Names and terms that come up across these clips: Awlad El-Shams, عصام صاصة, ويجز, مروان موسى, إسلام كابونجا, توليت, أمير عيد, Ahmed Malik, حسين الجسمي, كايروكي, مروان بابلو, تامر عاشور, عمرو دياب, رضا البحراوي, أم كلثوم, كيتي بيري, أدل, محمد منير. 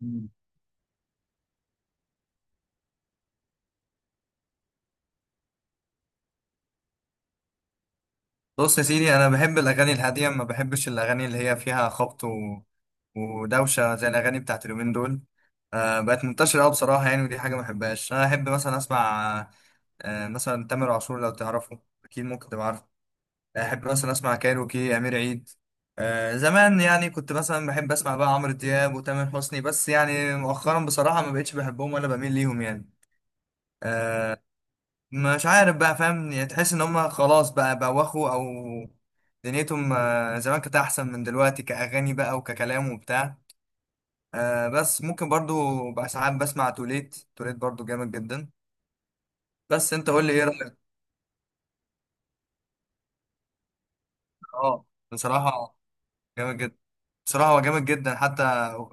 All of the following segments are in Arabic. مم. بص يا سيدي، انا بحب الاغاني الهاديه، ما بحبش الاغاني اللي هي فيها خبط ودوشه زي الاغاني بتاعت اليومين دول. بقت منتشره قوي بصراحه يعني، ودي حاجه ما بحبهاش. انا احب مثلا اسمع، مثلا تامر عاشور، لو تعرفه اكيد ممكن تبقى عارفه. احب مثلا اسمع كايروكي، امير عيد. زمان يعني كنت مثلا بحب اسمع بقى عمرو دياب وتامر حسني، بس يعني مؤخرا بصراحه ما بقتش بحبهم ولا بميل ليهم يعني. آه، مش عارف بقى، فاهم؟ يعني تحس ان هم خلاص بقى بوخوا، او دنيتهم. زمان كانت احسن من دلوقتي، كاغاني بقى وككلام وبتاع. بس ممكن برضو بقى ساعات بسمع توليت توليت، برضو جامد جدا. بس انت قول لي ايه رايك؟ اه. بصراحه جامد جدا، بصراحه هو جامد جدا. حتى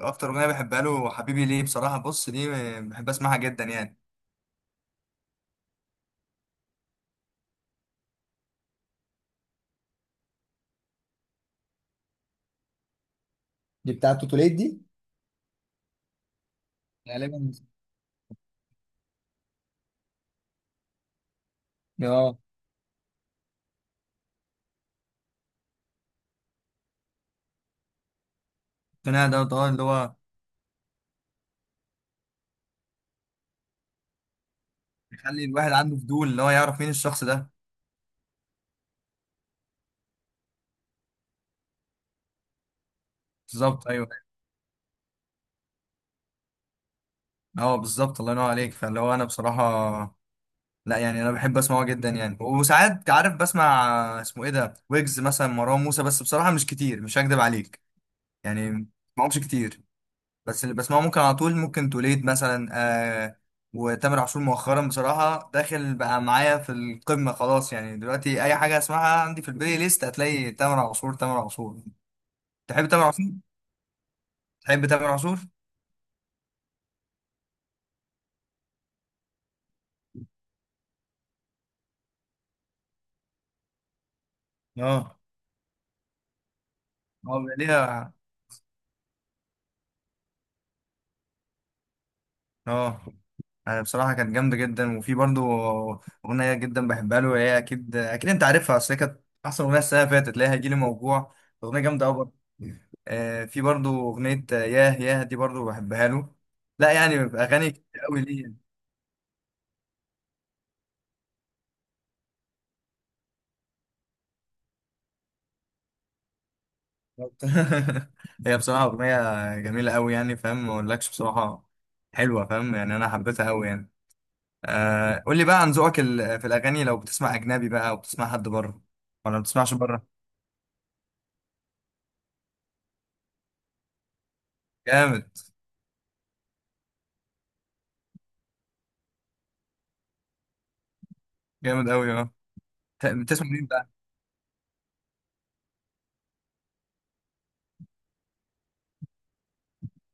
اكتر اغنيه بحبها له حبيبي ليه بصراحه. بص دي بحب اسمعها جدا يعني. دي بتاعت توتوليت دي غالبا. اه القناع ده، اه اللي هو بيخلي الواحد عنده فضول، اللي هو يعرف مين الشخص ده. بالظبط، ايوه. اه بالظبط، الله ينور عليك. فاللي هو انا بصراحه، لا يعني انا بحب اسمعه جدا يعني. وساعات عارف، بسمع اسمه ايه ده، ويجز مثلا، مروان موسى، بس بصراحه مش كتير، مش هكدب عليك. يعني ما بسمعهمش كتير. بس اللي بسمعه ممكن على طول، ممكن توليد مثلا. آه وتامر عاشور مؤخرا بصراحه داخل بقى معايا في القمه، خلاص يعني دلوقتي اي حاجه اسمعها عندي في البلاي ليست هتلاقي تامر عاشور، تامر عاشور. تحب تامر عاشور؟ تحب تامر عاشور؟ اه. اه ليها. اه. بصراحة كانت جامدة جدا. وفي برضو أغنية جدا بحبها له، هي أكيد أكيد أنت عارفها، أصل هي كانت أحسن أغنية السنة اللي فاتت، اللي هي هيجيلي موجوع. أغنية جامدة أوي برضو. في برضو أغنية، ياه ياه دي برضو بحبها له. لا يعني أغاني كتير أوي ليه يعني. هي بصراحة أغنية جميلة أوي، يعني فاهم، ما أقولكش بصراحة حلوة، فاهم يعني؟ أنا حبيتها أوي يعني. قول لي بقى عن ذوقك في الأغاني، لو بتسمع أجنبي بقى أو بتسمع حد بره؟ ولا ما بتسمعش بره؟ جامد. جامد أوي بتسمع مين بقى؟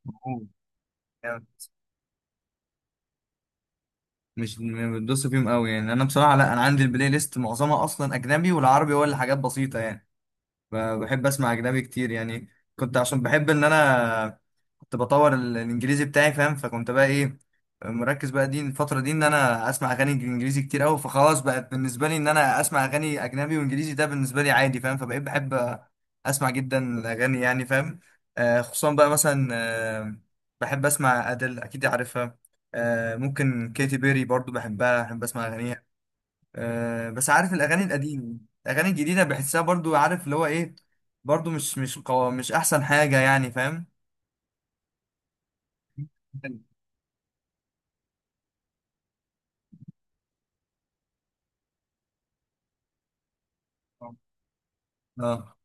أوه. يعني مش بتدوس فيهم قوي يعني. انا بصراحه لا، انا عندي البلاي ليست معظمها اصلا اجنبي، والعربي هو اللي حاجات بسيطه يعني. بحب اسمع اجنبي كتير يعني. كنت عشان بحب ان انا كنت بطور الانجليزي بتاعي، فاهم؟ فكنت بقى ايه، مركز بقى دي الفترة دي ان انا اسمع اغاني انجليزي كتير قوي، فخلاص بقت بالنسبة لي ان انا اسمع اغاني اجنبي وانجليزي، ده بالنسبة لي عادي فاهم. فبقيت بحب اسمع جدا الاغاني يعني فاهم. خصوصا بقى مثلا، بحب اسمع ادل اكيد عارفها. ممكن كيتي بيري برضو بحبها، بحب اسمع اغانيها. بس عارف الاغاني القديمه، الاغاني الجديده بحسها برضو، عارف اللي هو ايه، برضو مش احسن حاجه يعني فاهم. اه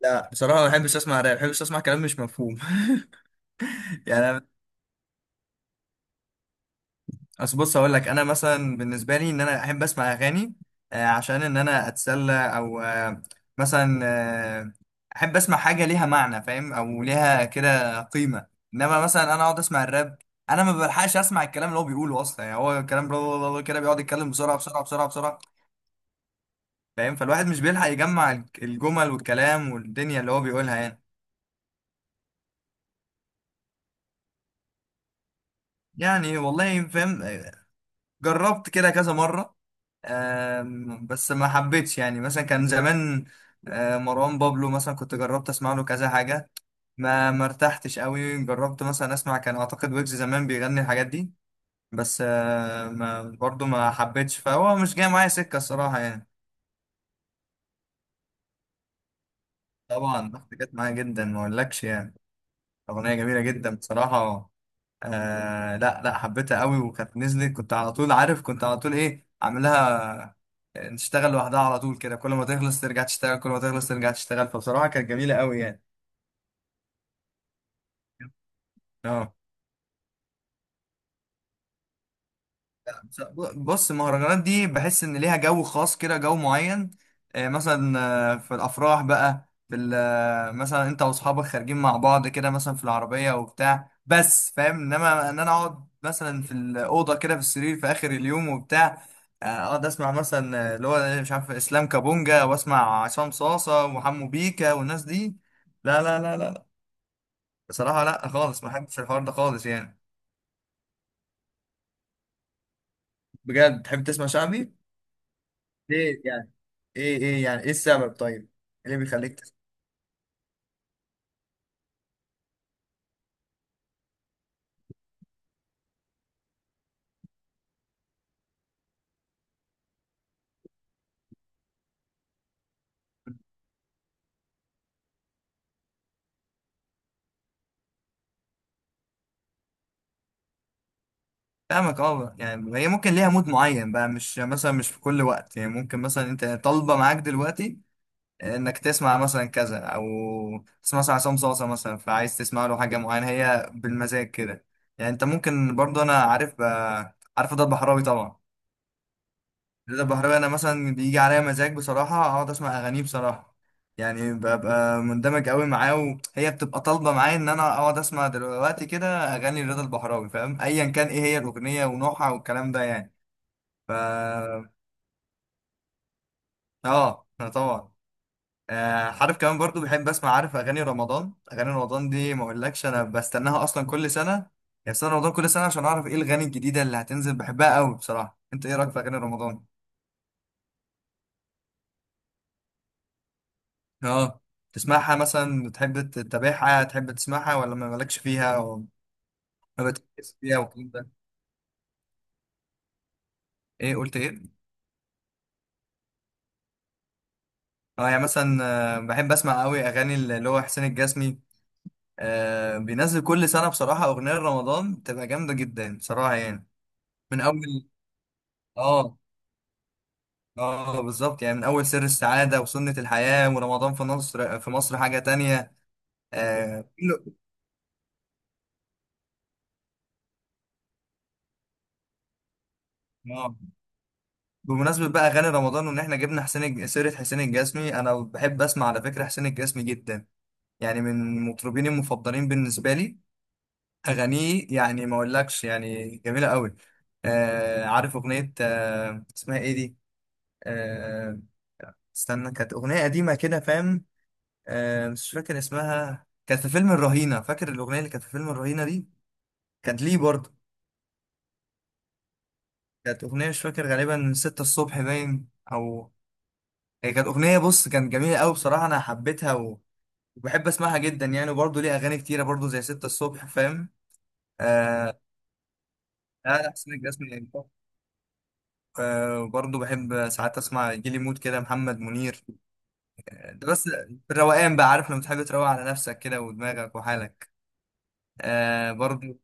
لا بصراحه ما بحبش اسمع راب، ما بحبش اسمع كلام مش مفهوم. يعني، بس بص اقول لك انا مثلا بالنسبه لي ان انا احب اسمع اغاني عشان ان انا اتسلى، او مثلا آه، احب اسمع حاجه ليها معنى فاهم، او ليها كده قيمه. انما مثلا انا اقعد اسمع الراب، انا ما بلحقش اسمع الكلام اللي هو بيقوله اصلا، يعني هو الكلام بلا بلا بلا كده بيقعد يتكلم بسرعه بسرعه بسرعه بسرعه فاهم. فالواحد مش بيلحق يجمع الجمل والكلام والدنيا اللي هو بيقولها يعني. يعني والله فاهم. جربت كده كذا مره، بس ما حبيتش يعني. مثلا كان زمان، مروان بابلو مثلا كنت جربت اسمع له كذا حاجه، ما ارتحتش قوي. جربت مثلا اسمع، كان اعتقد ويجز زمان بيغني الحاجات دي، بس ما برضه ما حبيتش. فهو مش جاي معايا سكه الصراحه يعني. طبعا ضغط جت معايا جدا ما اقولكش يعني، اغنيه جميله جدا بصراحه. لا لا حبيتها قوي، وكانت نزلت كنت على طول، عارف كنت على طول ايه عاملها، تشتغل لوحدها على طول كده، كل ما تخلص ترجع تشتغل، كل ما تخلص ترجع تشتغل. فبصراحة كانت جميلة قوي يعني. اه بص، المهرجانات دي بحس ان ليها جو خاص كده، جو معين. مثلا في الافراح بقى، في مثلا انت واصحابك خارجين مع بعض كده، مثلا في العربيه وبتاع بس فاهم. انما ان انا اقعد مثلا في الاوضه كده في السرير في اخر اليوم وبتاع، اقعد اسمع مثلا، اللي هو مش عارف اسلام كابونجا، واسمع عصام صاصه وحمو بيكا والناس دي. لا لا لا لا. بصراحه لا خالص، ما بحبش الحوار ده خالص يعني. بجد تحب تسمع شعبي؟ ليه يعني؟ ايه ايه يعني، ايه السبب طيب؟ إيه اللي بيخليك فاهمك. اه يعني هي ممكن ليها مود معين بقى، مش مثلا مش في كل وقت يعني. ممكن مثلا انت طالبه معاك دلوقتي انك تسمع مثلا كذا، او تسمع مثلا عصام صاصا مثلا، فعايز تسمع له حاجه معينه، هي بالمزاج كده يعني. انت ممكن برضه. انا عارف عارف ضرب حرامي طبعا. رضا البحراوي، انا مثلا بيجي عليا مزاج بصراحه اقعد اسمع اغانيه بصراحه، يعني ببقى مندمج قوي معاه، وهي بتبقى طالبه معايا ان انا اقعد اسمع دلوقتي كده اغاني رضا البحراوي، فاهم؟ ايا كان ايه هي الاغنيه ونوعها والكلام ده يعني. ف اه أنا طبعا. عارف كمان برضو بحب اسمع، عارف اغاني رمضان، اغاني رمضان دي ما اقولكش، انا بستناها اصلا كل سنه يعني، سنه رمضان كل سنه، عشان اعرف ايه الغاني الجديده اللي هتنزل، بحبها قوي بصراحه. انت ايه رايك في اغاني رمضان؟ اه تسمعها مثلا، بتحب تتابعها، تحب تسمعها، ولا ما مالكش فيها، او ما بتركز فيها والكلام ده؟ ايه قلت ايه؟ اه يعني مثلا، بحب اسمع قوي اغاني اللي هو حسين الجسمي، بينزل كل سنه بصراحه اغنيه رمضان، بتبقى جامده جدا بصراحه يعني. من اول. اه. اه بالظبط يعني، من اول سر السعاده وسنه الحياه ورمضان في مصر، في مصر حاجه تانية. اه آه. بمناسبة بقى أغاني رمضان وإن إحنا جبنا حسين سيرة حسين الجسمي. أنا بحب أسمع على فكرة حسين الجسمي جدا، يعني من المطربين المفضلين بالنسبة لي. أغانيه يعني ما أقولكش، يعني جميلة أوي. عارف أغنية اسمها إيه دي؟ آه استنى، كانت أغنية قديمة كده فاهم. مش فاكر اسمها، كانت في فيلم الرهينة، فاكر الأغنية اللي كانت في فيلم الرهينة دي؟ كانت ليه برضه. كانت أغنية مش فاكر، غالبا ستة الصبح باين، أو هي كانت أغنية. بص كانت جميلة أوي بصراحة، أنا حبيتها وبحب اسمعها جدا يعني. وبرضه ليه اغاني كتيره برضه، زي ستة الصبح فاهم. آه لا لا حسين الجسمي يعني. برضه بحب ساعات اسمع جيلي مود كده، محمد منير. ده بس في الروقان بقى، عارف لما تحب تروق على نفسك كده ودماغك وحالك. برضه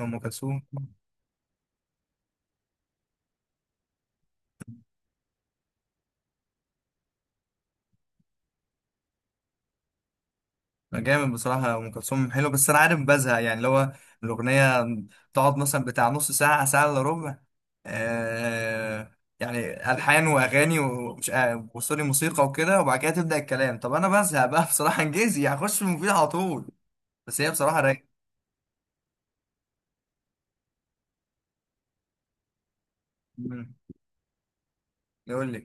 ام كلثوم. جامد بصراحة. أم كلثوم حلو، بس أنا عارف بزهق يعني، اللي هو الأغنية تقعد مثلا بتاع نص ساعة، ساعة إلا ربع، يعني ألحان وأغاني ومش، وسوري موسيقى وكده، وبعد كده تبدأ الكلام. طب أنا بزهق بقى بصراحة. إنجليزي هخش في المفيد على طول. بس هي بصراحة رايقة. مم. يقول لك.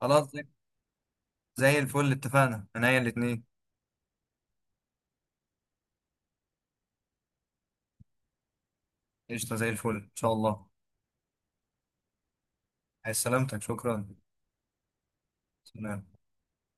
خلاص زي الفل، اتفقنا عينيا الاتنين. قشطة زي الفل إن شاء الله. عايز سلامتك شكرا. سلام.